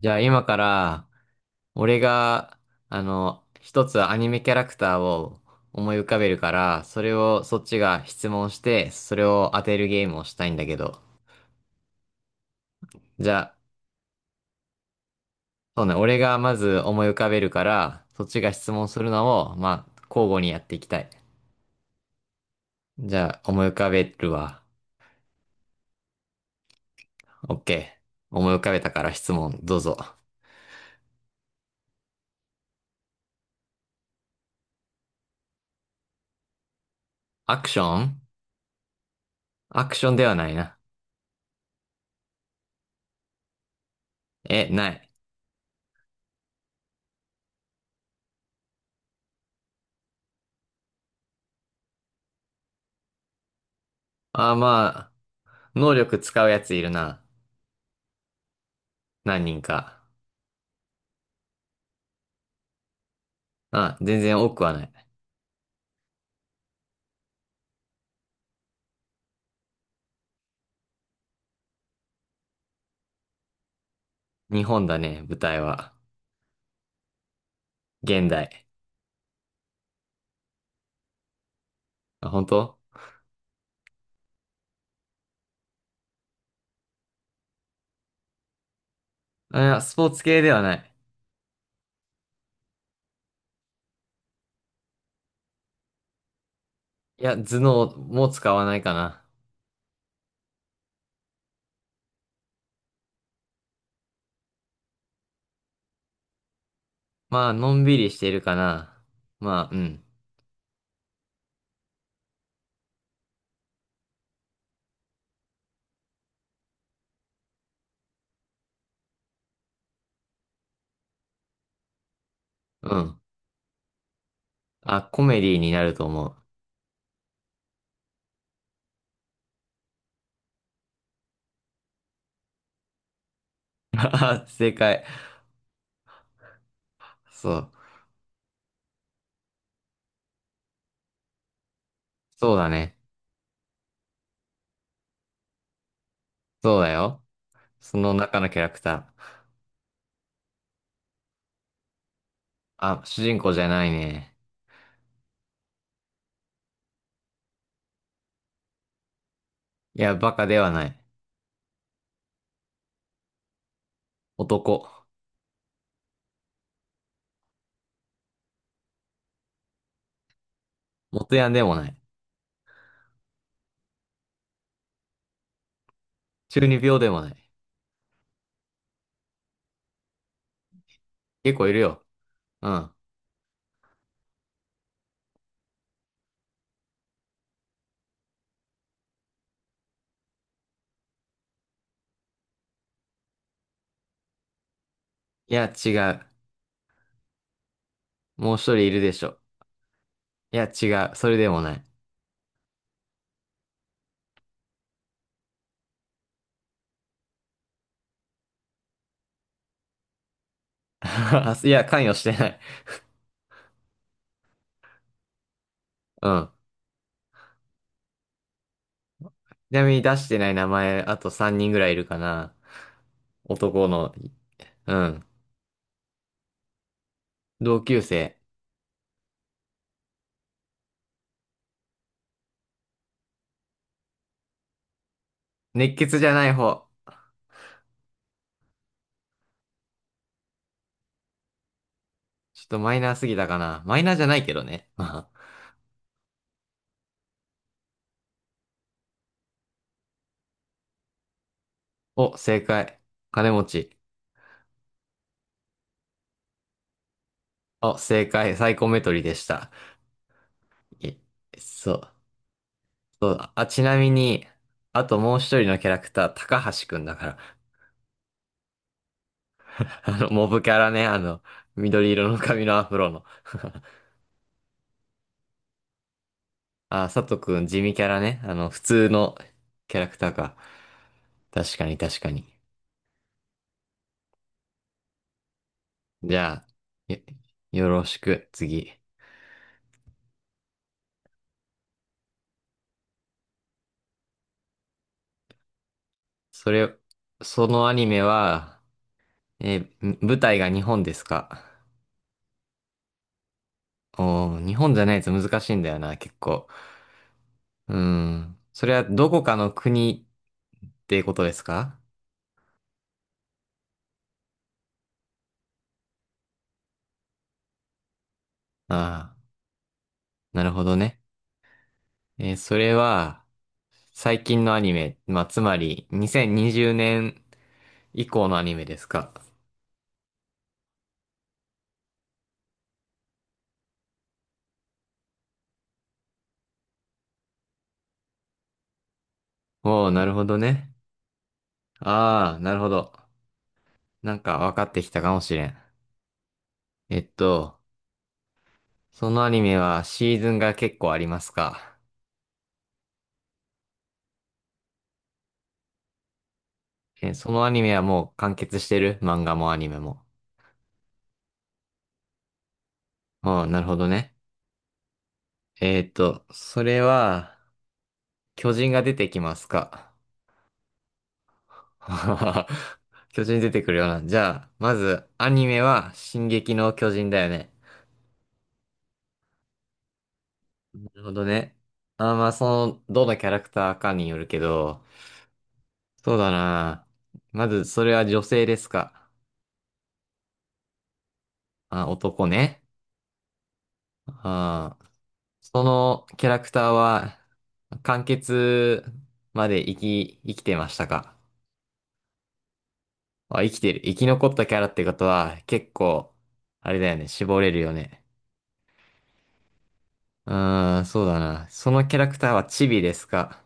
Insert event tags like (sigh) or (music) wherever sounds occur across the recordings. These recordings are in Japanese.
じゃあ今から、俺が、一つアニメキャラクターを思い浮かべるから、それをそっちが質問して、それを当てるゲームをしたいんだけど。じゃあ、そうね、俺がまず思い浮かべるから、そっちが質問するのを、まあ、交互にやっていきたい。じゃあ、思い浮かべるわ。オッケー。思い浮かべたから質問、どうぞ。アクション。アクションではないな。え、ない。あ、まあ、能力使うやついるな。何人か。あ、全然多くはない。日本だね、舞台は。現代。あ、本当？あ、いや、スポーツ系ではない。いや、頭脳も使わないかな。まあ、のんびりしてるかな。まあ、うん。うん。あ、コメディになると思う。(laughs) あ、正解。そう。そうだね。そうだよ。その中のキャラクター。あ、主人公じゃないね。いや、バカではない。男。元ヤンでもない。中二病でもない。結構いるよ。うん。いや、違う。もう一人いるでしょ。いや、違う。それでもない。(laughs) あ、いや、関与してない。うん。ちなみに出してない名前、あと3人ぐらいいるかな。男の、うん。同級生。熱血じゃない方。ちょっとマイナーすぎたかな。マイナーじゃないけどね。(laughs) まあ。お、正解。金持ち。お、正解。サイコメトリでした。え、そう。そう。あ、ちなみに、あともう一人のキャラクター、高橋くんだから。(laughs) モブキャラね。緑色の髪のアフロの。(laughs) あー、佐藤くん、地味キャラね。普通のキャラクターか。確かに、確かに。じゃあ、よろしく、次。それ、そのアニメは、えーん、舞台が日本ですか？おー、日本じゃないと難しいんだよな、結構。うーん。それはどこかの国ってことですか？ああー、なるほどね。えー、それは、最近のアニメ、まあ、つまり、2020年以降のアニメですか？おー、なるほどね。ああ、なるほど。なんか分かってきたかもしれん。えっと、そのアニメはシーズンが結構ありますか。え、そのアニメはもう完結してる？漫画もアニメも。うん、なるほどね。えっと、それは、巨人が出てきますか。(laughs) 巨人出てくるような。じゃあ、まず、アニメは、進撃の巨人だよね。なるほどね。あー、まあ、その、どのキャラクターかによるけど、そうだな。まず、それは女性ですか。あ、男ね。あー、そのキャラクターは、完結まで生き、生きてましたか？あ、生きてる。生き残ったキャラってことは、結構、あれだよね。絞れるよね。うーん、そうだな。そのキャラクターはチビですか？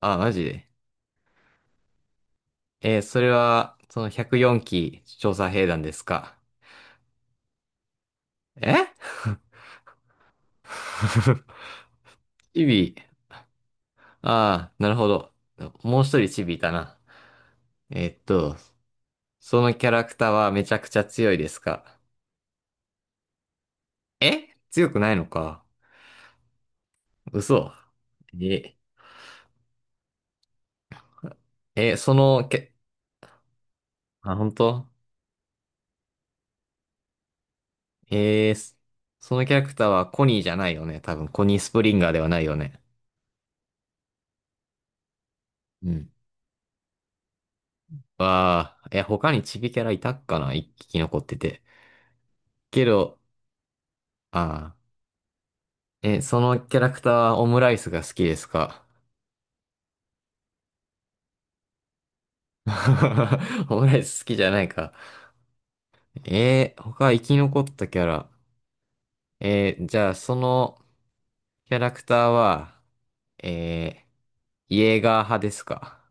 あ、マジで。えー、それは、その104期調査兵団ですか？え。 (laughs) チビ。ああ、なるほど。もう一人チビいたな。えーっと、そのキャラクターはめちゃくちゃ強いですか？え、強くないのか？嘘。え、え、そのけ、あ、本当？えー、そのキャラクターはコニーじゃないよね。多分、コニースプリンガーではないよね。うん。わあ、え、他にチビキャラいたっかな、一匹残ってて。けど、ああ、え、そのキャラクターはオムライスが好きですか？ (laughs) オムライス好きじゃないか。えー、他生き残ったキャラ。えー、じゃあ、そのキャラクターは、えー、イエーガー派ですか？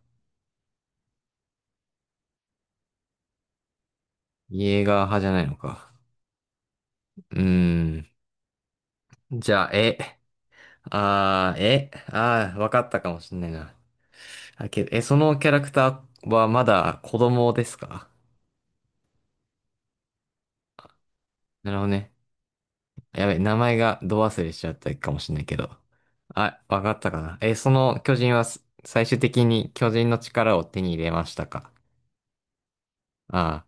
イエーガー派じゃないのか。うーん。じゃあ、え、あー、え、あー、わかったかもしんないな。あ、けど、え、そのキャラクターはまだ子供ですか？なるほどね。やべ、名前がど忘れしちゃったかもしんないけど。あ、わかったかな。え、その巨人は最終的に巨人の力を手に入れましたか？ああ。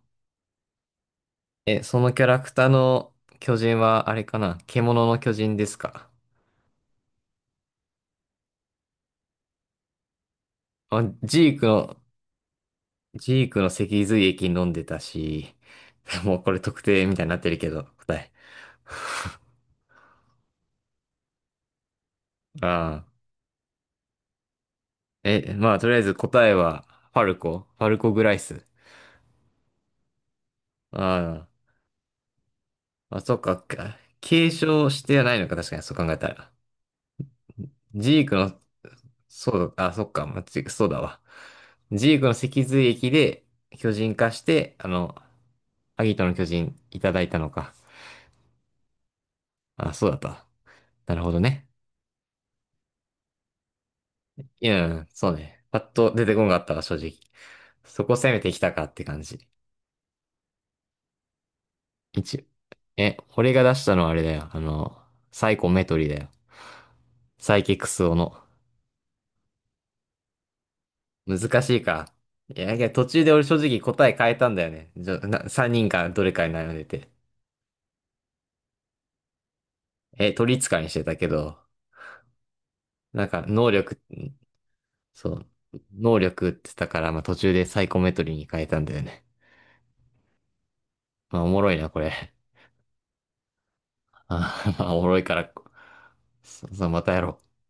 え、そのキャラクターの巨人はあれかな、獣の巨人ですか？あ、ジークのジークの脊髄液飲んでたし、(laughs) もうこれ特定みたいになってるけど、答え。(laughs) ああ。え、まあ、とりあえず答えは、ファルコグライス。ああ。あ、そっか、継承してはないのか、確かに、そう考えたら。ジークの、そうだ、あ、そっか、そうだわ。ジークの脊髄液で巨人化して、あの、アギトの巨人いただいたのか。あ、そうだった。なるほどね。いや、そうね。パッと出てこんかったわ、正直。そこ攻めてきたかって感じ。一、え、俺が出したのはあれだよ。あの、サイコメトリだよ。サイキクスオの。難しいか。いや、いや、途中で俺正直答え変えたんだよね。じゃ、な、3人かどれかに悩んでて。え、取り使いにしてたけど、なんか、能力、そう、能力って言ったから、まあ、途中でサイコメトリに変えたんだよね。まあ、おもろいな、これ。あー (laughs) まあおもろいから、そう、またやろう。